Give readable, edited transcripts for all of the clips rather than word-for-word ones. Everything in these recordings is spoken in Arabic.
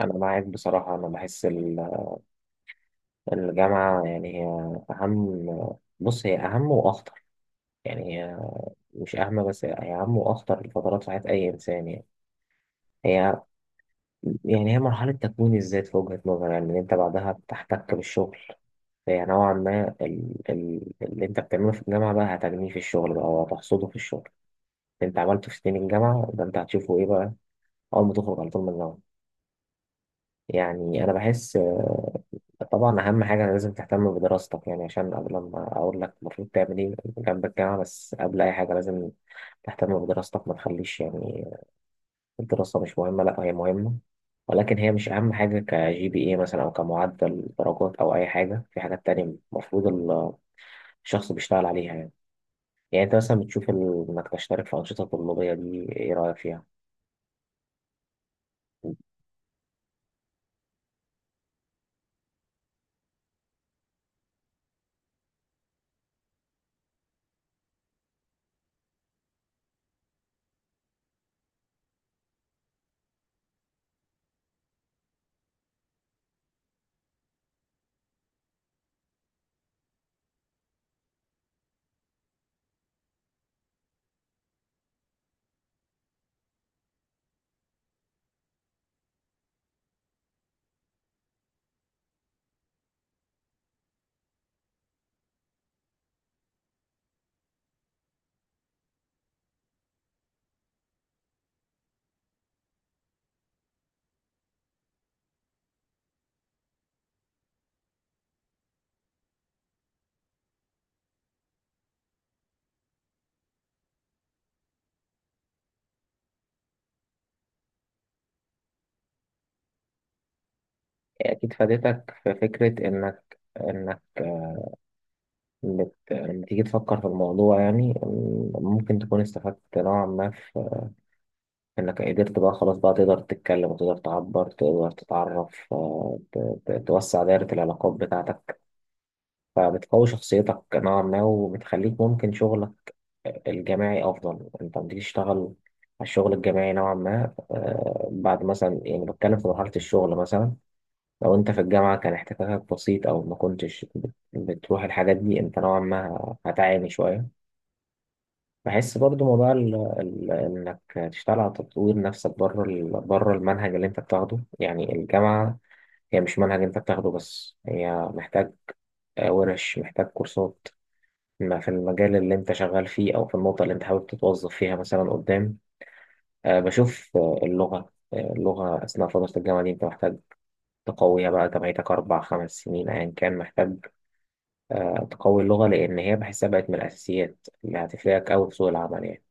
أنا معاك بصراحة. أنا بحس الجامعة يعني هي أهم. بص هي أهم وأخطر، يعني هي مش أهم، بس هي أهم وأخطر الفترات في حياة أي إنسان يعني. هي يعني هي مرحلة تكوين الذات في وجهة نظري، يعني إن أنت بعدها بتحتك بالشغل. فهي نوعا ما اللي أنت بتعمله في الجامعة بقى هتجنيه في الشغل بقى، وهتحصده في الشغل. اللي أنت عملته في سنين الجامعة ده أنت هتشوفه إيه بقى أول ما تخرج على طول من الجامعة؟ يعني أنا بحس طبعا أهم حاجة لازم تهتم بدراستك، يعني عشان قبل ما أقول لك المفروض تعمل إيه جنب الجامعة، بس قبل أي حاجة لازم تهتم بدراستك. ما تخليش يعني الدراسة مش مهمة، لأ هي مهمة، ولكن هي مش أهم حاجة كGPA مثلا أو كمعدل درجات أو أي حاجة. في حاجات تانية المفروض الشخص بيشتغل عليها يعني. يعني أنت مثلا بتشوف إنك تشترك في أنشطة طلابية، دي إيه رأيك فيها؟ أكيد فادتك في فكرة إنك لما تيجي تفكر في الموضوع، يعني ممكن تكون استفدت نوعا ما في إنك قدرت بقى خلاص بقى تقدر تتكلم، وتقدر تعبر، تقدر تتعرف، توسع دائرة العلاقات بتاعتك، فبتقوي شخصيتك نوعا ما، وبتخليك ممكن شغلك الجماعي أفضل. أنت لما تيجي تشتغل على الشغل الجماعي نوعا ما، بعد مثلا، يعني بتكلم في مرحلة الشغل مثلا، لو انت في الجامعة كان احتكاكك بسيط او ما كنتش بتروح الحاجات دي، انت نوعا ما هتعاني شوية. بحس برضو موضوع ال ال انك تشتغل على تطوير نفسك بره بره المنهج اللي انت بتاخده. يعني الجامعة هي مش منهج انت بتاخده بس، هي محتاج ورش، محتاج كورسات ما في المجال اللي انت شغال فيه، او في النقطة اللي انت حابب تتوظف فيها مثلا قدام. بشوف اللغة، اللغة أثناء فترة الجامعة دي أنت محتاج تقويها بقى. أنت بقيتك أربع خمس سنين أيا كان، محتاج تقوي اللغة، لأن هي بحسها بقت من الأساسيات اللي هتفرقك أوي في سوق العمل يعني.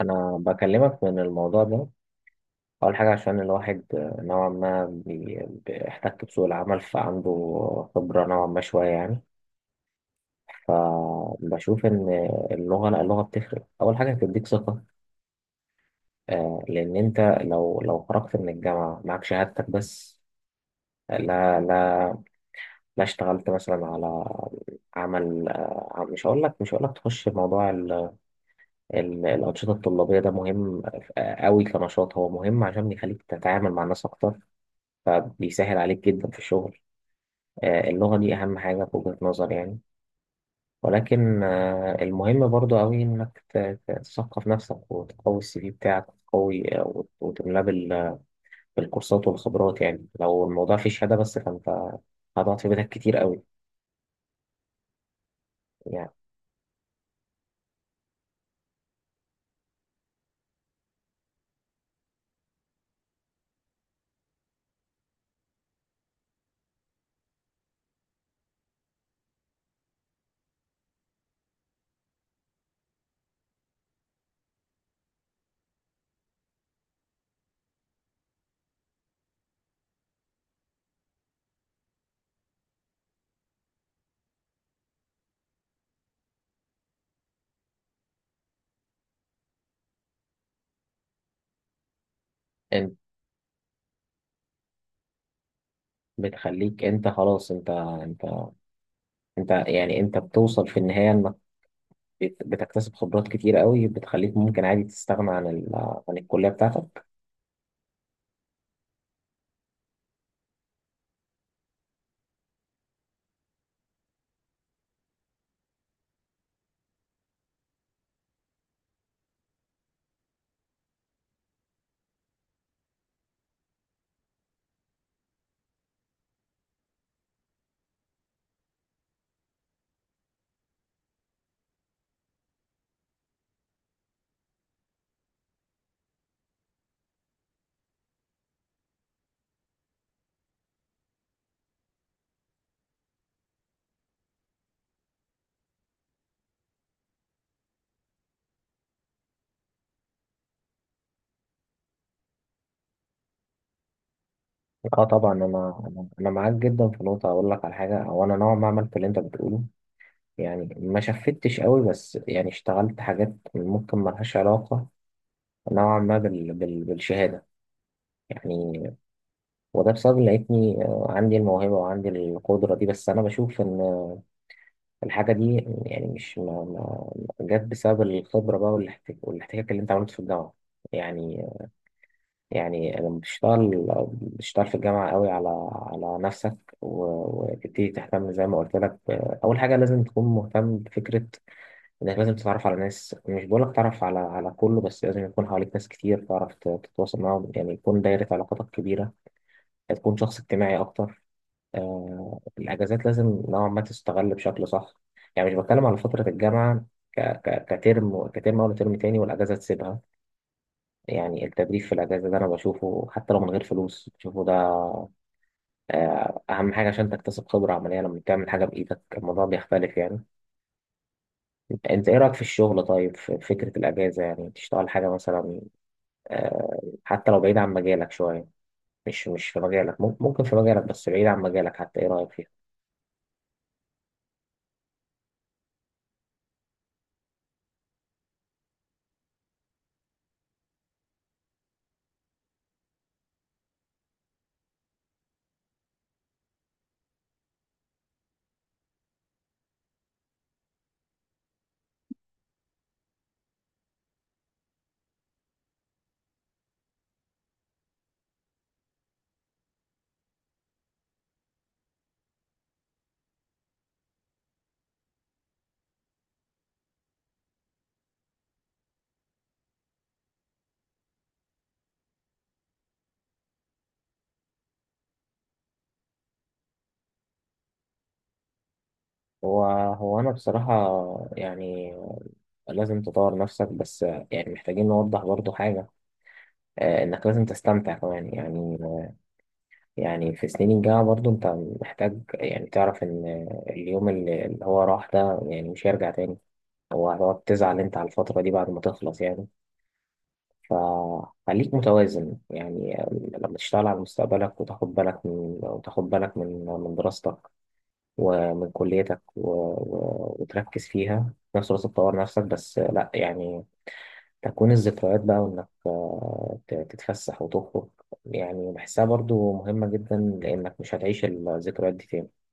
أنا بكلمك من الموضوع ده، أول حاجة عشان الواحد نوعا ما بيحتك بسوق العمل، فعنده خبرة نوعا ما شوية يعني. فبشوف إن اللغة، لا اللغة بتفرق. أول حاجة بتديك ثقة، لأن أنت لو خرجت من الجامعة معاك شهادتك بس، لا، لا، لا، اشتغلت مثلا على عمل. مش هقول لك، تخش موضوع الأنشطة الطلابية. ده مهم أوي كنشاط، هو مهم عشان بيخليك تتعامل مع الناس أكتر، فبيسهل عليك جدا في الشغل. اللغة دي أهم حاجة في وجهة نظري يعني. ولكن المهم برضو أوي إنك تثقف نفسك، وتقوي الCV بتاعك، وتقوي وتملاه بالكورسات والخبرات. يعني لو الموضوع فيه شهادة بس، فأنت هتقعد في بيتك كتير أوي. يعني أنت بتخليك، أنت خلاص أنت، أنت يعني أنت بتوصل في النهاية، بتكتسب خبرات كتير قوي، بتخليك ممكن عادي تستغنى عن عن الكلية بتاعتك. اه طبعا انا، أنا معاك جدا في نقطة. اقول لك على حاجة، او انا نوعا ما عملت اللي انت بتقوله، يعني ما شفتش قوي بس، يعني اشتغلت حاجات ممكن ملهاش علاقة نوعا ما بالشهادة يعني. وده بسبب إن لقيتني عندي الموهبة وعندي القدرة دي، بس انا بشوف ان الحاجة دي يعني مش ما... ما... جت بسبب الخبرة بقى، والاحتكاك اللي انت عملته في الجامعة يعني. يعني لما بتشتغل، في الجامعة قوي على نفسك، وتبتدي تهتم زي ما قلت لك أول حاجة لازم تكون مهتم بفكرة إنك لازم تتعرف على ناس. مش بقولك تعرف على كله، بس لازم يكون حواليك ناس كتير تعرف تتواصل معاهم، يعني يكون دايرة علاقاتك كبيرة، تكون شخص اجتماعي أكتر. آه، الأجازات لازم نوعا ما تستغل بشكل صح. يعني مش بتكلم على فترة الجامعة كترم أول وترم تاني والأجازة تسيبها. يعني التدريب في الأجازة ده أنا بشوفه حتى لو من غير فلوس. بشوفه ده أهم حاجة عشان تكتسب خبرة عملية. لما بتعمل حاجة بإيدك الموضوع بيختلف يعني. أنت إيه رأيك في الشغل؟ طيب في فكرة الأجازة، يعني تشتغل حاجة مثلا حتى لو بعيد عن مجالك شوية، مش في مجالك، ممكن في مجالك بس بعيد عن مجالك حتى، إيه رأيك فيها؟ هو، أنا بصراحة يعني لازم تطور نفسك بس. يعني محتاجين نوضح برضو حاجة، إنك لازم تستمتع كمان يعني. يعني في سنين الجامعة برضو أنت محتاج يعني تعرف إن اليوم اللي هو راح ده يعني مش هيرجع تاني. هو هتقعد تزعل أنت على الفترة دي بعد ما تخلص يعني، فخليك متوازن يعني. لما تشتغل على مستقبلك، وتاخد بالك من، من دراستك، ومن كليتك، وتركز فيها، في نفس الوقت تطور نفسك. بس لأ يعني تكوين الذكريات بقى، وإنك تتفسح وتخرج، يعني بحسها برضو مهمة جدا، لأنك مش هتعيش الذكريات دي تاني.